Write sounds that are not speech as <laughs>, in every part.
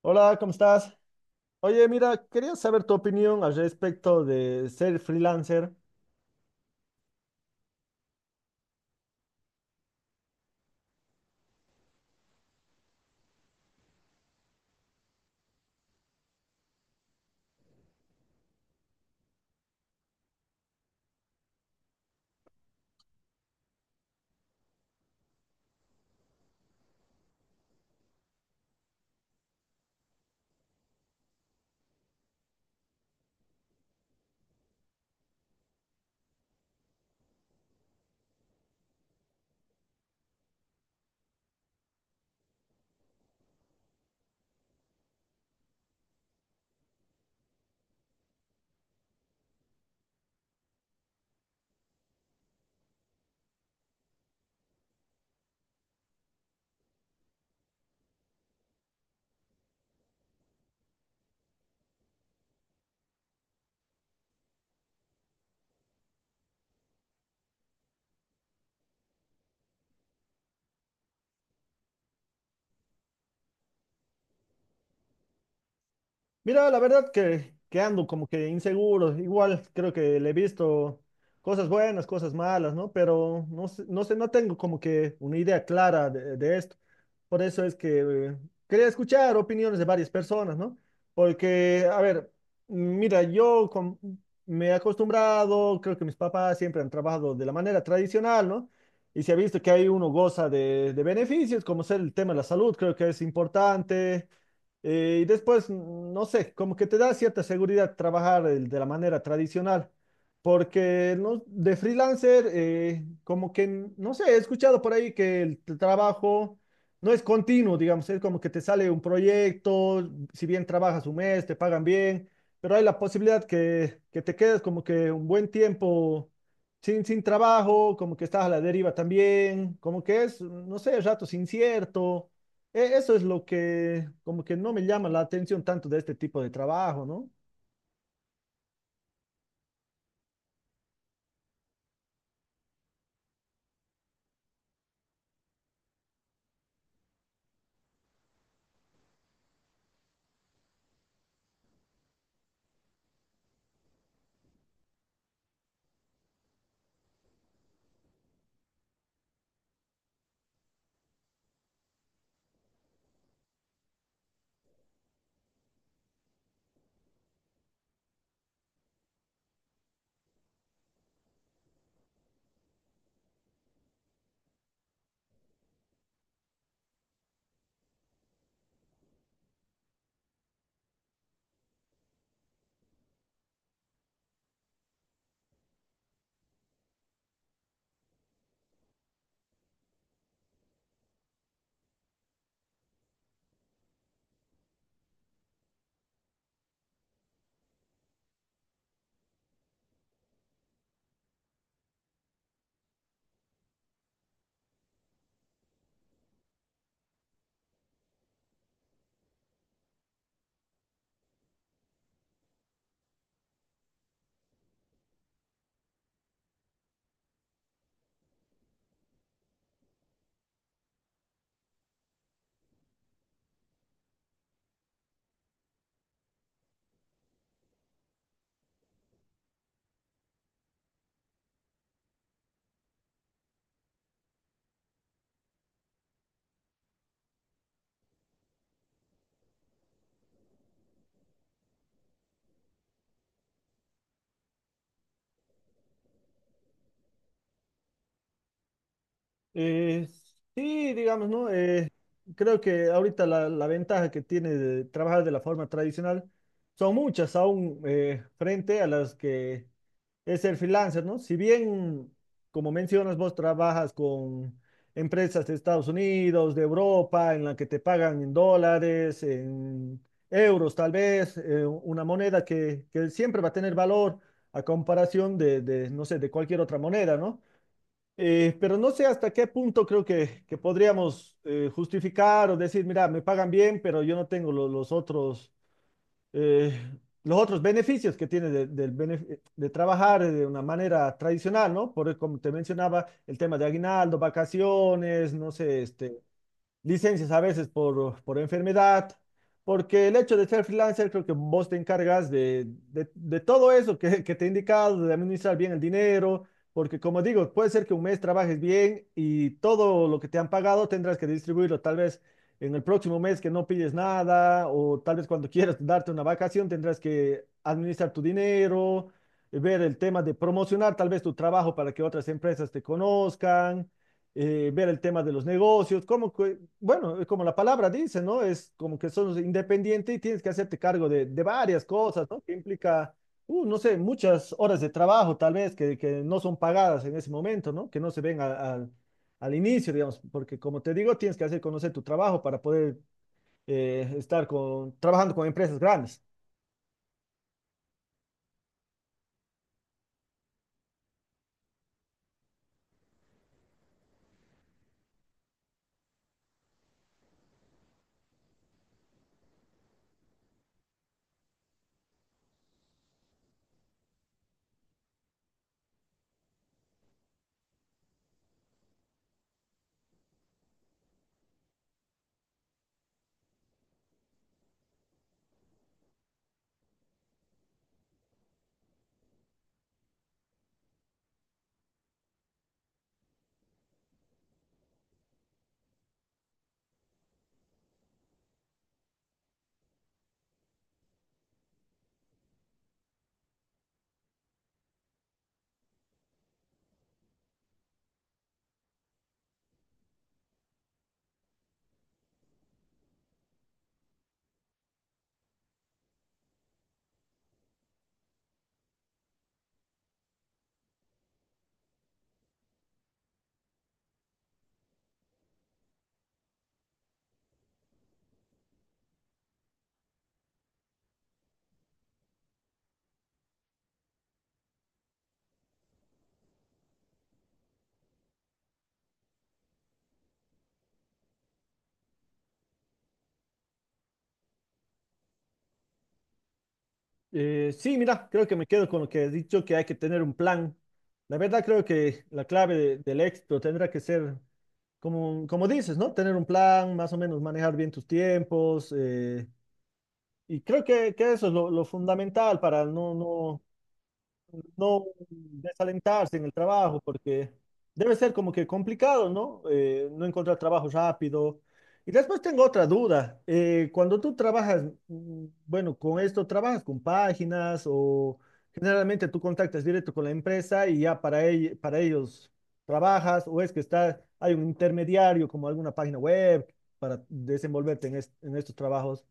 Hola, ¿cómo estás? Oye, mira, quería saber tu opinión al respecto de ser freelancer. Mira, la verdad que ando como que inseguro. Igual creo que le he visto cosas buenas, cosas malas, ¿no? Pero no sé, no sé, no tengo como que una idea clara de esto. Por eso es que quería escuchar opiniones de varias personas, ¿no? Porque, a ver, mira, me he acostumbrado, creo que mis papás siempre han trabajado de la manera tradicional, ¿no? Y se ha visto que hay uno goza de beneficios, como ser el tema de la salud, creo que es importante. Y después, no sé, como que te da cierta seguridad trabajar de la manera tradicional, porque no, de freelancer, como que, no sé, he escuchado por ahí que el trabajo no es continuo, digamos, es como que te sale un proyecto, si bien trabajas un mes, te pagan bien, pero hay la posibilidad que te quedes como que un buen tiempo sin trabajo, como que estás a la deriva también, como que es, no sé, ratos incierto. Eso es lo que como que no me llama la atención tanto de este tipo de trabajo, ¿no? Eh, sí, digamos, ¿no? Creo que ahorita la ventaja que tiene de trabajar de la forma tradicional son muchas aún, frente a las que es el freelancer, ¿no? Si bien, como mencionas, vos trabajas con empresas de Estados Unidos, de Europa, en la que te pagan en dólares, en euros tal vez, una moneda que siempre va a tener valor a comparación no sé, de cualquier otra moneda, ¿no? Pero no sé hasta qué punto creo que podríamos justificar o decir, mira, me pagan bien, pero yo no tengo eh, los otros beneficios que tiene del de trabajar de una manera tradicional, ¿no? Por, e, como te mencionaba, el tema de aguinaldo, vacaciones, no sé, este, licencias a veces por enfermedad, porque el hecho de ser freelancer creo que vos te encargas de todo eso que te he indicado, de administrar bien el dinero, porque como digo, puede ser que un mes trabajes bien y todo lo que te han pagado tendrás que distribuirlo tal vez en el próximo mes que no pilles nada o tal vez cuando <laughs> quieras darte una vacación tendrás que administrar tu dinero, ver el tema de promocionar tal vez tu trabajo para que otras empresas te conozcan, ver el tema de los negocios, cómo, bueno, como la palabra dice, ¿no? Es como que sos independiente y tienes que hacerte cargo de varias cosas, ¿no? Que implica, no sé, muchas horas de trabajo tal vez que no son pagadas en ese momento, ¿no? Que no se ven al inicio, digamos, porque como te digo, tienes que hacer conocer tu trabajo para poder estar con, trabajando con empresas grandes. Sí, mira, creo que me quedo con lo que has dicho, que hay que tener un plan. La verdad, creo que la clave del éxito tendrá que ser, como, como dices, ¿no? Tener un plan, más o menos manejar bien tus tiempos. Y creo que eso es lo fundamental para no, no, no desalentarse en el trabajo, porque debe ser como que complicado, ¿no? No encontrar trabajo rápido. Y después tengo otra duda. Cuando tú trabajas, bueno, con esto, ¿trabajas con páginas o generalmente tú contactas directo con la empresa y ya para, para ellos trabajas o es que está, hay un intermediario como alguna página web para desenvolverte en, en estos trabajos?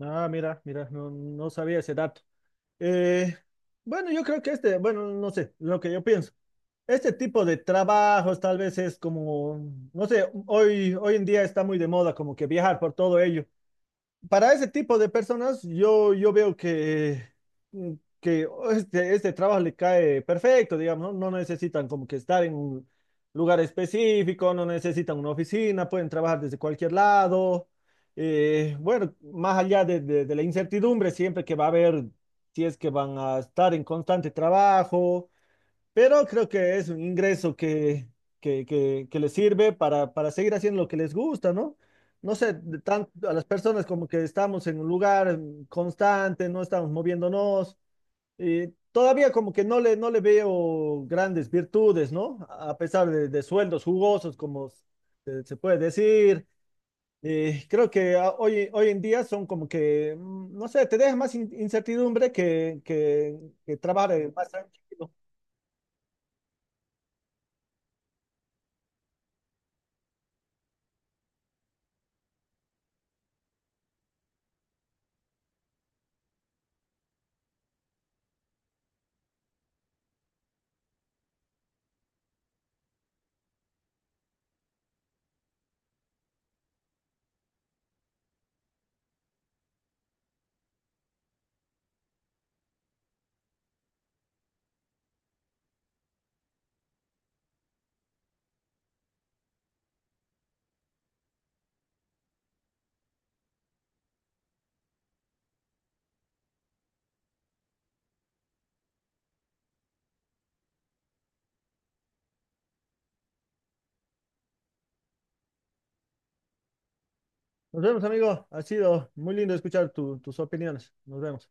Ah, mira, mira, no, no sabía ese dato. Eh, bueno, yo creo que este, bueno, no sé, lo que yo pienso. Este tipo de trabajos tal vez es como, no sé, hoy en día está muy de moda como que viajar por todo ello para ese tipo de personas, yo veo que, mm, que oh, este trabajo le cae perfecto, digamos, ¿no? No necesitan como que estar en un lugar específico, no necesitan una oficina, pueden trabajar desde cualquier lado. Bueno, más allá de, de la incertidumbre, siempre que va a haber, si es que van a estar en constante trabajo, pero creo que es un ingreso que les sirve para seguir haciendo lo que les gusta, ¿no? No sé, a las personas como que estamos en un lugar constante, no estamos moviéndonos, y todavía como que no le, no le veo grandes virtudes, ¿no? A pesar de sueldos jugosos, como se puede decir. Creo que ah, hoy en día son como que, no sé, te deja más incertidumbre que trabajar más tranquilo. Nos vemos, amigo. Ha sido muy lindo escuchar tus opiniones. Nos vemos.